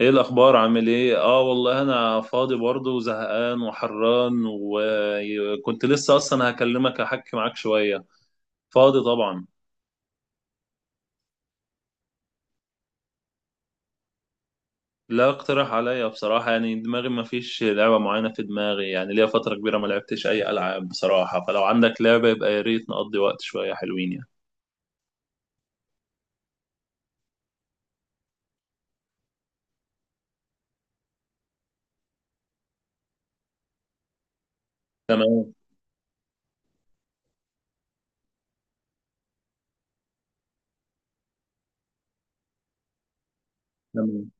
ايه الاخبار؟ عامل ايه؟ اه والله انا فاضي برضه وزهقان وحران، وكنت لسه اصلا هكلمك احكي معاك شويه. فاضي طبعا. لا اقترح عليا بصراحه، يعني دماغي ما فيش لعبه معينه في دماغي، يعني ليا فتره كبيره ما لعبتش اي العاب بصراحه، فلو عندك لعبه يبقى يا ريت نقضي وقت شويه حلوين يعني. تمام. تمام.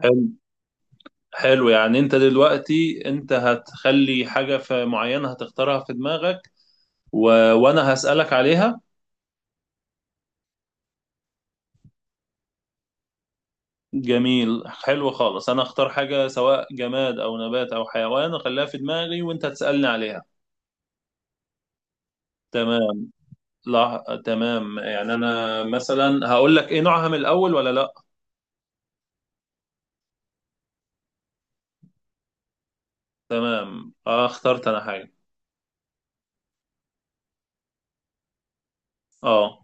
حلو. حلو، يعني انت دلوقتي انت هتخلي حاجه في معينه هتختارها في دماغك و... وانا هسألك عليها. جميل، حلو خالص، انا اختار حاجة سواء جماد او نبات او حيوان اخليها في دماغي وانت تسألني عليها. تمام. لا تمام، يعني انا مثلا هقول لك ايه نوعها من الاول ولا لا؟ تمام آه، اخترت انا حاجة. اه.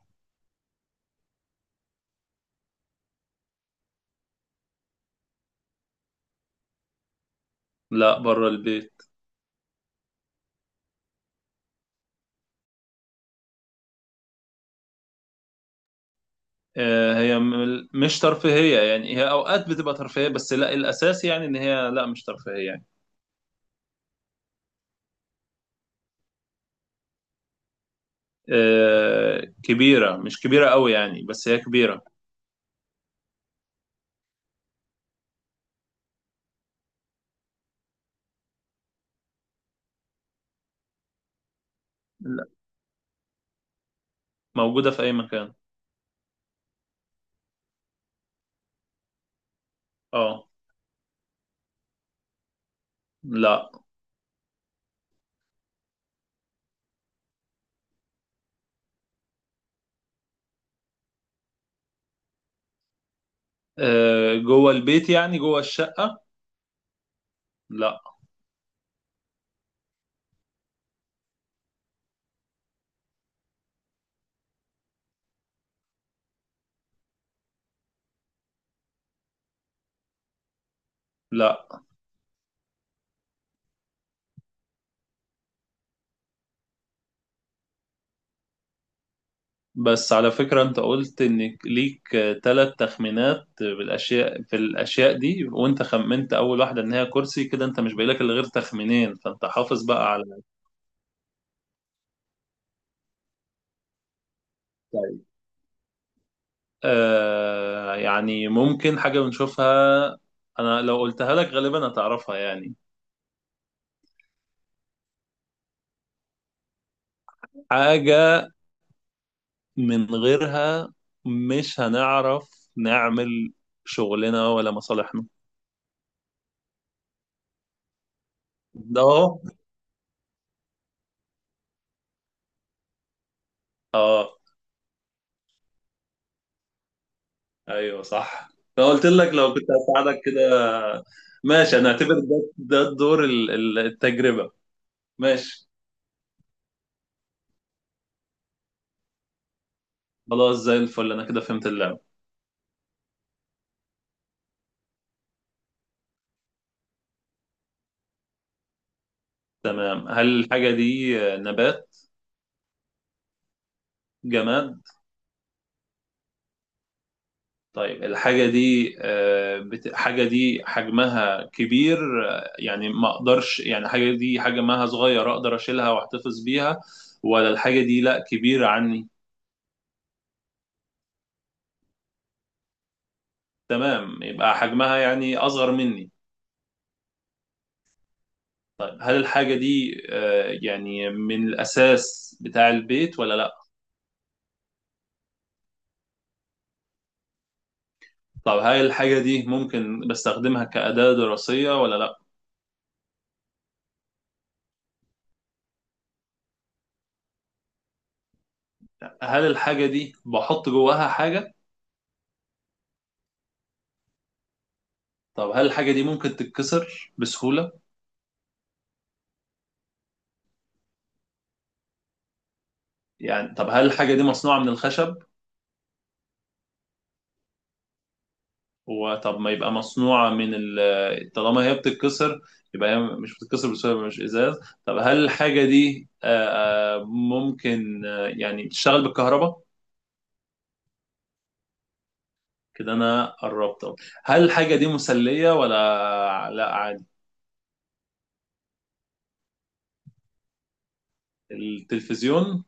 لا، بره البيت. هي مش ترفيهية، يعني هي اوقات بتبقى ترفيهية بس لا الاساس يعني ان هي لا مش ترفيهية يعني. آه كبيرة، مش كبيرة قوي يعني بس هي كبيرة. لا، موجودة في اي مكان. اه. لا. جوه البيت يعني جوه الشقة. لا. لا بس على فكرة، انت قلت انك ليك ثلاث تخمينات بالاشياء، في الاشياء دي وانت خمنت اول واحدة ان هي كرسي، كده انت مش باقي لك الا غير تخمينين، فانت حافظ بقى على الباقي. آه يعني ممكن حاجة بنشوفها، انا لو قلتها لك غالبا هتعرفها يعني. حاجة من غيرها مش هنعرف نعمل شغلنا ولا مصالحنا. ده اه. ايوه صح، لو قلت لك لو كنت هساعدك كده. ماشي، انا اعتبر ده ده الدور التجربة. ماشي، خلاص زي الفل انا كده فهمت اللعبة. تمام. هل الحاجة دي نبات؟ جماد؟ طيب الحاجة دي حاجة دي حجمها كبير، يعني ما اقدرش، يعني حاجة دي حجمها صغير اقدر اشيلها واحتفظ بيها، ولا الحاجة دي لا كبيرة عني؟ تمام، يبقى حجمها يعني اصغر مني. طيب هل الحاجة دي يعني من الأساس بتاع البيت ولا لأ؟ طب هل الحاجة دي ممكن بستخدمها كأداة دراسية ولا لأ؟ هل الحاجة دي بحط جواها حاجة؟ طب هل الحاجة دي ممكن تتكسر بسهولة؟ يعني طب هل الحاجة دي مصنوعة من الخشب؟ وطب ما يبقى مصنوعة من طالما هي بتتكسر، يبقى هي مش بتتكسر بسهولة، يبقى مش إزاز. طب هل الحاجة دي آه، آه، ممكن آه، يعني تشتغل بالكهرباء؟ كده انا قربت أهو. هل الحاجه دي مسليه ولا لا عادي؟ التلفزيون.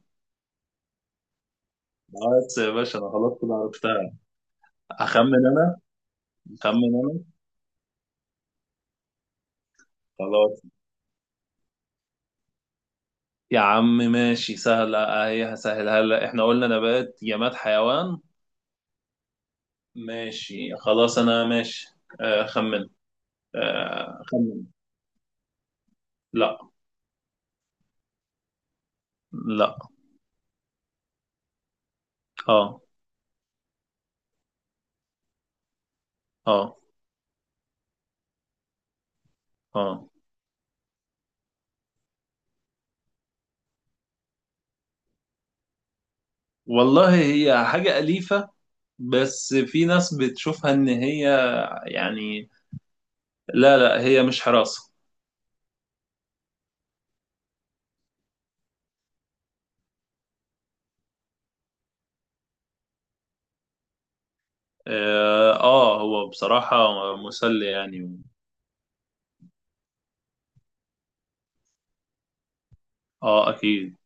بس يا باشا انا خلاص كده عرفتها. اخمن انا. اخمن انا. خلاص يا عم، ماشي، سهله اهي، هسهلها، هلا احنا قلنا نبات جماد حيوان. ماشي خلاص انا، ماشي. خمن. خمن. لا. لا. اه. اه. اه. والله هي حاجه اليفه، بس في ناس بتشوفها ان هي يعني، لا لا هي مش حراسه. اه، هو بصراحة مسلي يعني اه اكيد.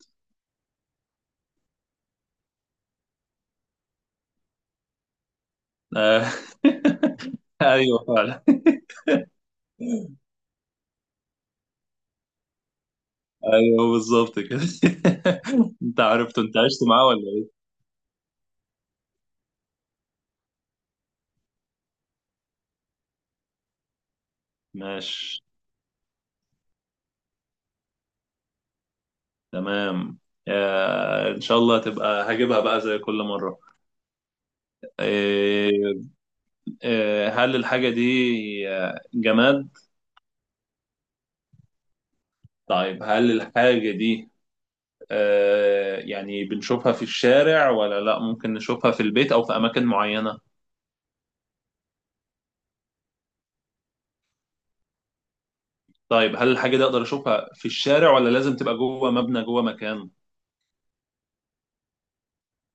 آه. ايوه فعلا. ايوه بالظبط كده. انت عرفته، انت عشت معاه ولا ايه؟ ماشي. تمام. آه ان شاء الله تبقى هجيبها بقى زي كل مرة. آه. آه هل الحاجة دي جماد؟ طيب هل الحاجة دي آه يعني بنشوفها في الشارع ولا لا، ممكن نشوفها في البيت او في اماكن معينة؟ طيب هل الحاجة دي أقدر أشوفها في الشارع ولا لازم تبقى جوه مبنى جوه مكان؟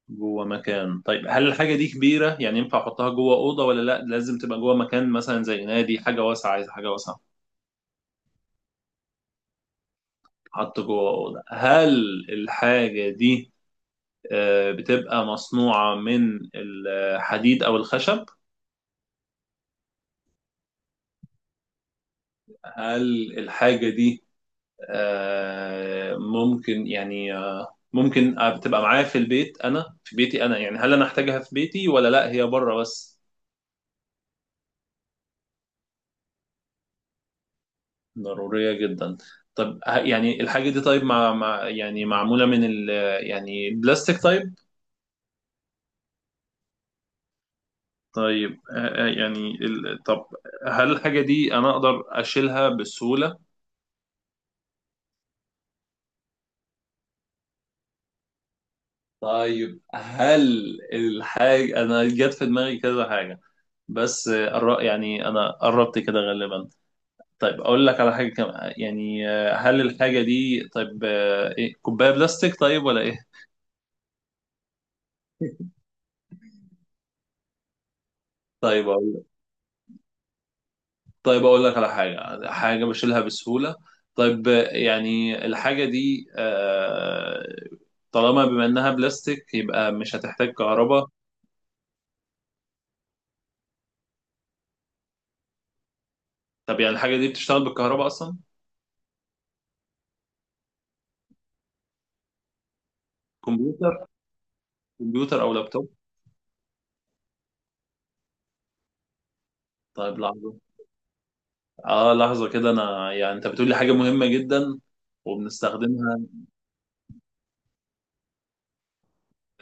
جوه مكان. طيب هل الحاجة دي كبيرة يعني ينفع أحطها جوه أوضة ولا لا لازم تبقى جوه مكان مثلا زي نادي، حاجة واسعة؟ عايز حاجة واسعة. حط جوه أوضة. هل الحاجة دي بتبقى مصنوعة من الحديد أو الخشب؟ هل الحاجة دي آه، ممكن يعني آه، ممكن آه، بتبقى معايا في البيت أنا، في بيتي أنا، يعني هل أنا أحتاجها في بيتي ولا لا هي بره بس؟ ضرورية جدا. طب يعني الحاجة دي، طيب مع يعني معمولة من ال، يعني بلاستيك؟ طيب. طيب يعني ال، طب هل الحاجة دي أنا أقدر أشيلها بسهولة؟ طيب هل الحاجة، أنا جت في دماغي كذا حاجة، بس يعني أنا قربت كده غالبا. طيب أقول لك على حاجة كمان، يعني هل الحاجة دي طيب إيه، كوباية بلاستيك طيب ولا إيه؟ طيب. طيب اقول لك على حاجه، حاجه بشيلها بسهوله. طيب يعني الحاجه دي طالما بما انها بلاستيك يبقى مش هتحتاج كهرباء. طب يعني الحاجه دي بتشتغل بالكهرباء اصلا؟ كمبيوتر. كمبيوتر او لابتوب. طيب لحظه. اه لحظه كده انا، يعني انت بتقولي حاجه مهمه جدا وبنستخدمها.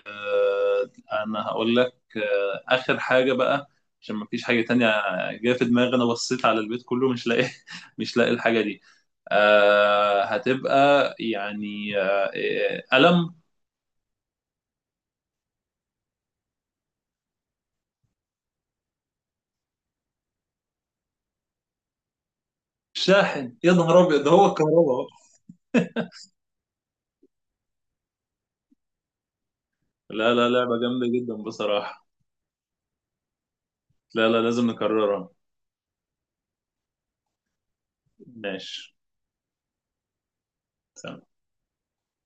آه، انا هقول لك اخر حاجه بقى، عشان مفيش حاجه تانية جايه في دماغي، انا بصيت على البيت كله مش لاقي، مش لاقي الحاجه دي. هتبقى يعني قلم. شاحن؟ يا نهار ابيض، ده هو الكهرباء أهو. لا لا، لعبه جامده جدا بصراحه. لا لا، لازم نكررها. ماشي.